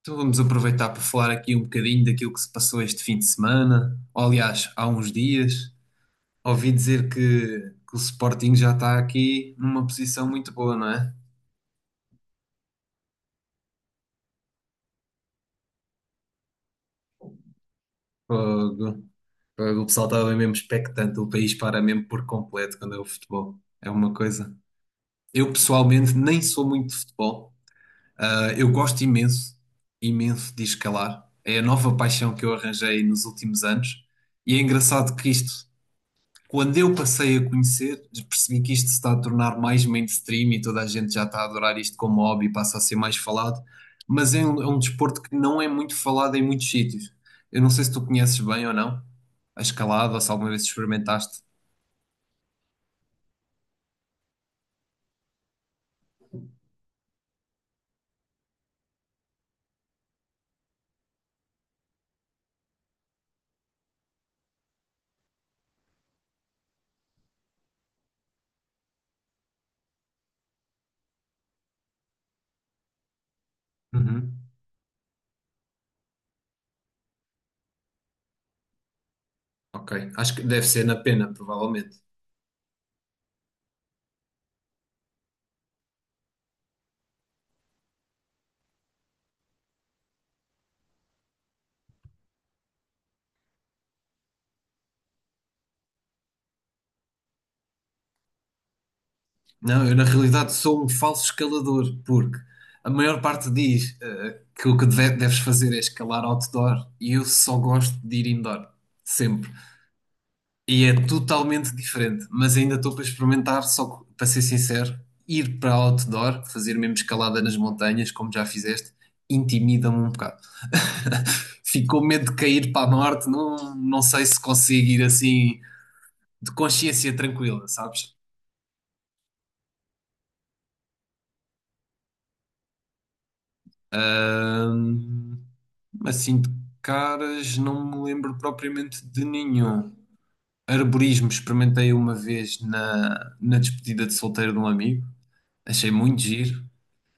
Então vamos aproveitar para falar aqui um bocadinho daquilo que se passou este fim de semana. Ou, aliás, há uns dias, ouvi dizer que o Sporting já está aqui numa posição muito boa, não é? Fogo. Fogo. O pessoal estava mesmo expectante, o país para mesmo por completo quando é o futebol. É uma coisa. Eu pessoalmente nem sou muito de futebol. Eu gosto imenso, imenso de escalar. É a nova paixão que eu arranjei nos últimos anos. E é engraçado que isto quando eu passei a conhecer, percebi que isto se está a tornar mais mainstream e toda a gente já está a adorar isto como hobby, passa a ser mais falado, mas é um desporto que não é muito falado em muitos sítios. Eu não sei se tu conheces bem ou não a escalada, ou se alguma vez experimentaste. Uhum. Ok, acho que deve ser na pena, provavelmente. Não, eu na realidade sou um falso escalador, porque a maior parte diz que o que deves fazer é escalar outdoor e eu só gosto de ir indoor, sempre. E é totalmente diferente, mas ainda estou para experimentar, só que, para ser sincero, ir para outdoor, fazer mesmo escalada nas montanhas, como já fizeste, intimida-me um bocado. Fico com medo de cair para a norte, não sei se consigo ir assim de consciência tranquila, sabes? Ahm, assim de caras, não me lembro propriamente de nenhum. Arborismo experimentei uma vez na despedida de solteiro de um amigo, achei muito giro.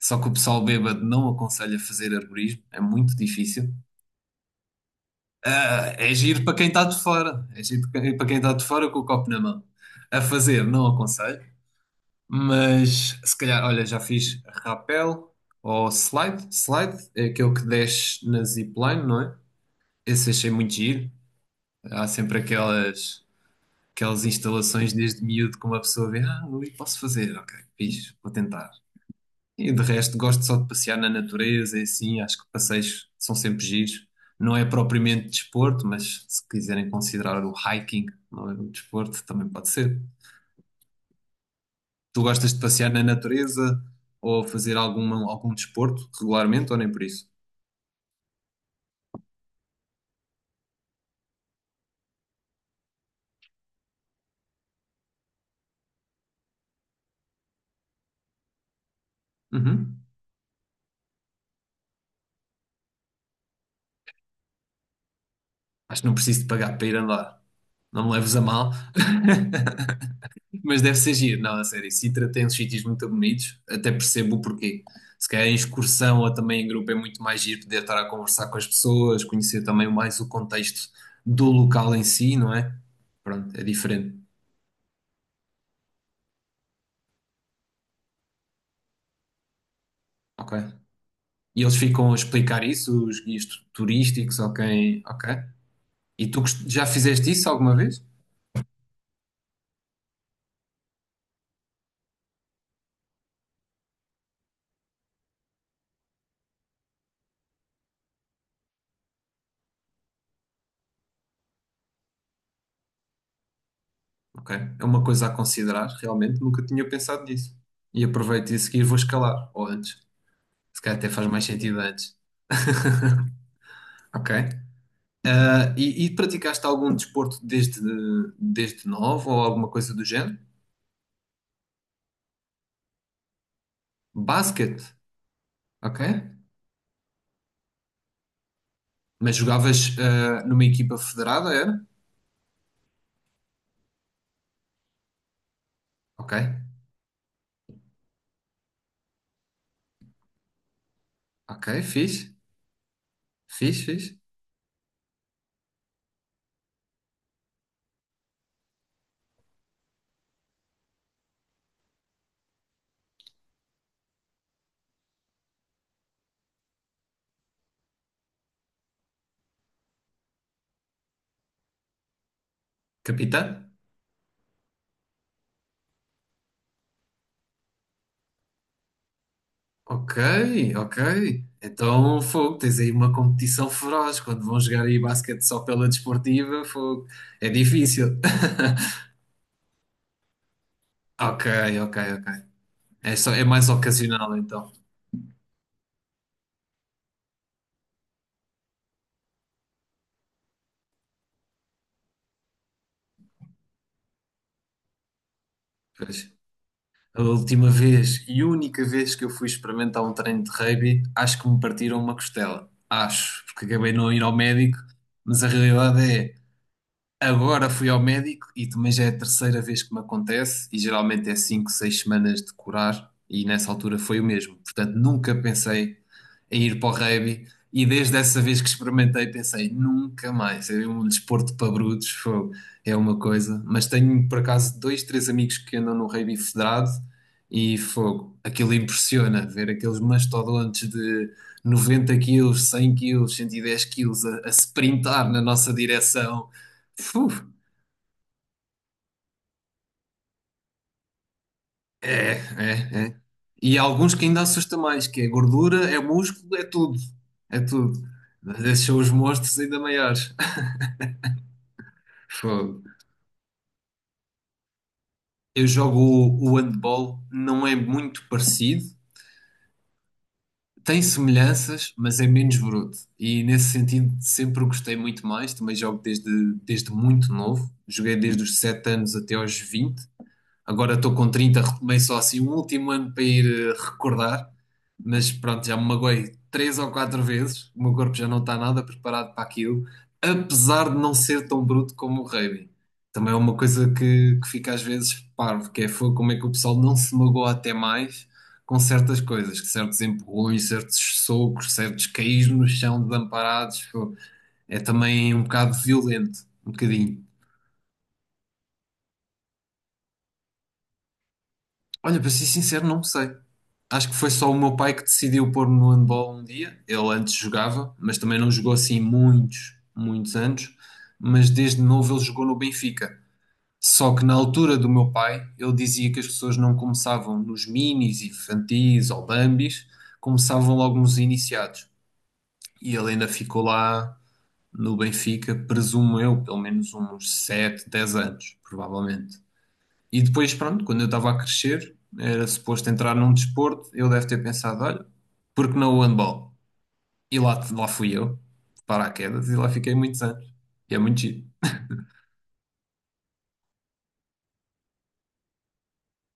Só que o pessoal bêbado não aconselha fazer arborismo, é muito difícil. Ah, é giro para quem está de fora, é giro para quem está de fora com o copo na mão. A fazer, não aconselho, mas se calhar, olha, já fiz rapel ou slide. Slide é aquele que desce na zipline, não é? Esse achei muito giro. Há sempre aquelas instalações desde miúdo que uma pessoa vê, ah, ali posso fazer, ok, fiz, vou tentar. E de resto, gosto só de passear na natureza e assim, acho que passeios são sempre giros. Não é propriamente desporto, mas se quiserem considerar o hiking, não é um desporto, também pode ser. Tu gostas de passear na natureza ou fazer algum desporto regularmente ou nem por isso? Uhum. Acho que não preciso de pagar para ir andar. Não me leves a mal. Mas deve ser giro, não, a sério. Sintra tem uns sítios muito bonitos, até percebo o porquê. Se calhar em excursão ou também em grupo é muito mais giro poder estar a conversar com as pessoas, conhecer também mais o contexto do local em si, não é? Pronto, é diferente. Ok. E eles ficam a explicar isso, os guias turísticos, ok, ok. E tu já fizeste isso alguma vez? Ok. É uma coisa a considerar, realmente, nunca tinha pensado nisso. E aproveito e a seguir vou escalar, ou antes. Se calhar até faz mais sentido antes. Ok. Ah, e praticaste algum desporto desde novo ou alguma coisa do género? Basquete, ok. Mas jogavas numa equipa federada, era? Ok, ok, fixe, fixe, fixe. Capitã? Ok, ok. Então, fogo, tens aí uma competição feroz. Quando vão jogar aí basquete só pela desportiva, fogo, é difícil. Ok, ok, ok. É só, é mais ocasional então. Pois. A última vez e única vez que eu fui experimentar um treino de rugby, acho que me partiram uma costela. Acho, porque acabei de não ir ao médico, mas a realidade é... Agora fui ao médico e também já é a terceira vez que me acontece, e geralmente é 5 6 semanas de curar, e nessa altura foi o mesmo. Portanto, nunca pensei em ir para o rugby, e desde essa vez que experimentei, pensei nunca mais. É um desporto para brutos, fogo, é uma coisa. Mas tenho por acaso dois, três amigos que andam no rugby federado, e fogo, aquilo impressiona ver aqueles mastodontes de 90 quilos, 100 quilos, 110 quilos a sprintar na nossa direção. Fuf. É, é, é. E há alguns que ainda assusta mais, que é gordura, é músculo, é tudo. É tudo. Mas esses são os monstros ainda maiores. Fogo. Eu jogo o handball, não é muito parecido. Tem semelhanças, mas é menos bruto. E nesse sentido sempre gostei muito mais. Também jogo desde muito novo. Joguei desde os 7 anos até aos 20. Agora estou com 30 retomei só assim um último ano para ir recordar, mas pronto, já me magoei 3 ou 4 vezes. O meu corpo já não está nada preparado para aquilo, apesar de não ser tão bruto como o rugby. Também é uma coisa que fica às vezes parvo, que é como é que o pessoal não se magoa até mais com certas coisas, que certos empurrões, certos socos, certos caís no chão desamparados, é também um bocado violento, um bocadinho. Olha, para ser sincero, não sei. Acho que foi só o meu pai que decidiu pôr-me no handball um dia. Ele antes jogava, mas também não jogou assim muitos, muitos anos. Mas desde novo ele jogou no Benfica. Só que na altura do meu pai, ele dizia que as pessoas não começavam nos minis, infantis ou bambis, começavam logo nos iniciados. E ele ainda ficou lá no Benfica, presumo eu, pelo menos uns 7, 10 anos, provavelmente. E depois, pronto, quando eu estava a crescer, era suposto entrar num desporto, eu deve ter pensado, olha, porque não o handball? E lá, lá fui eu, de paraquedas, e lá fiquei muitos anos. E é muito giro.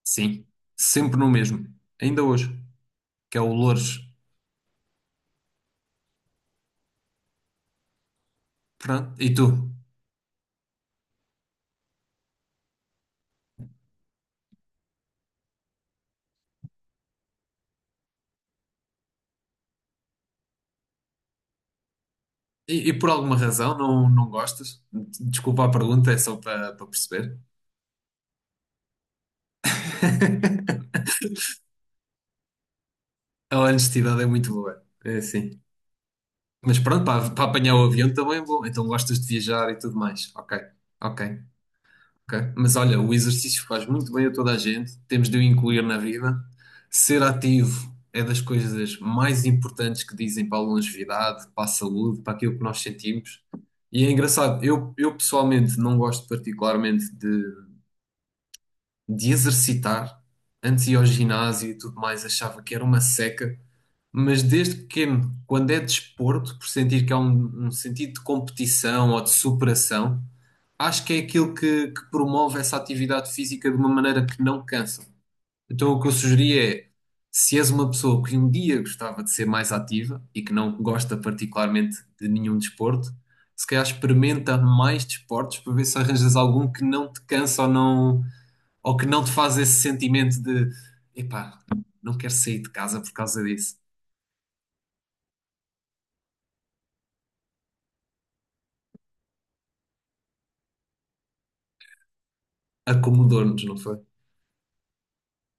Sim, sempre no mesmo, ainda hoje, que é o Loures. Pronto, e tu? Por alguma razão não gostas? Desculpa a pergunta, é só para perceber. A honestidade é muito boa, é assim. Mas pronto, para apanhar o avião também é bom. Então gostas de viajar e tudo mais. Ok, ok. Ok? Mas olha, o exercício faz muito bem a toda a gente, temos de o incluir na vida. Ser ativo é das coisas mais importantes que dizem para a longevidade, para a saúde, para aquilo que nós sentimos. E é engraçado, eu pessoalmente não gosto particularmente de exercitar. Antes ia ao ginásio e tudo mais, achava que era uma seca, mas desde pequeno, quando é desporto, por sentir que há um sentido de competição ou de superação acho que é aquilo que promove essa atividade física de uma maneira que não cansa. Então, o que eu sugeria é, se és uma pessoa que um dia gostava de ser mais ativa e que não gosta particularmente de nenhum desporto, se calhar experimenta mais desportos para ver se arranjas algum que não te cansa ou não, ou que não te faz esse sentimento de, epá, não quero sair de casa por causa disso. Acomodou-nos, não foi?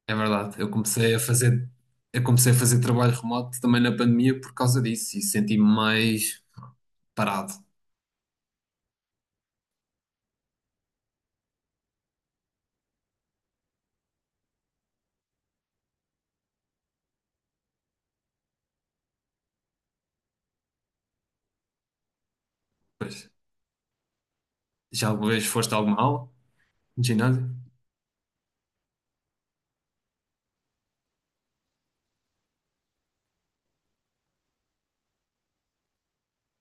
É verdade, eu comecei a fazer trabalho remoto também na pandemia por causa disso e senti-me mais parado. Pois, já alguma vez foste a alguma aula de ginásio?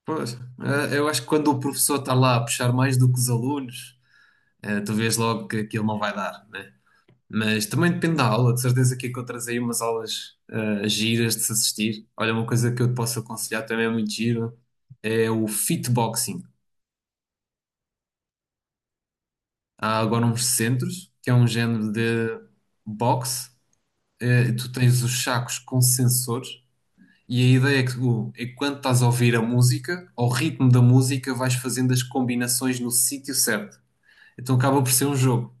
Pois, eu acho que quando o professor está lá a puxar mais do que os alunos, tu vês logo que aquilo não vai dar, né? Mas também depende da aula, de certeza que encontras aí umas aulas giras de se assistir. Olha, uma coisa que eu te posso aconselhar também é muito giro, é o fitboxing. Há agora uns centros, que é um género de boxe, tu tens os sacos com sensores e a ideia é é que quando estás a ouvir a música, ao ritmo da música, vais fazendo as combinações no sítio certo. Então acaba por ser um jogo.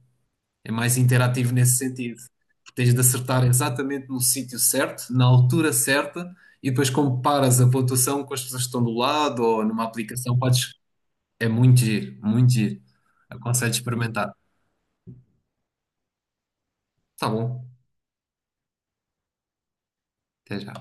É mais interativo nesse sentido. Porque tens de acertar exatamente no sítio certo, na altura certa, e depois comparas a pontuação com as pessoas que estão do lado ou numa aplicação. Podes... É muito giro, muito giro. Aconselho experimentar. Tá bom. Até já.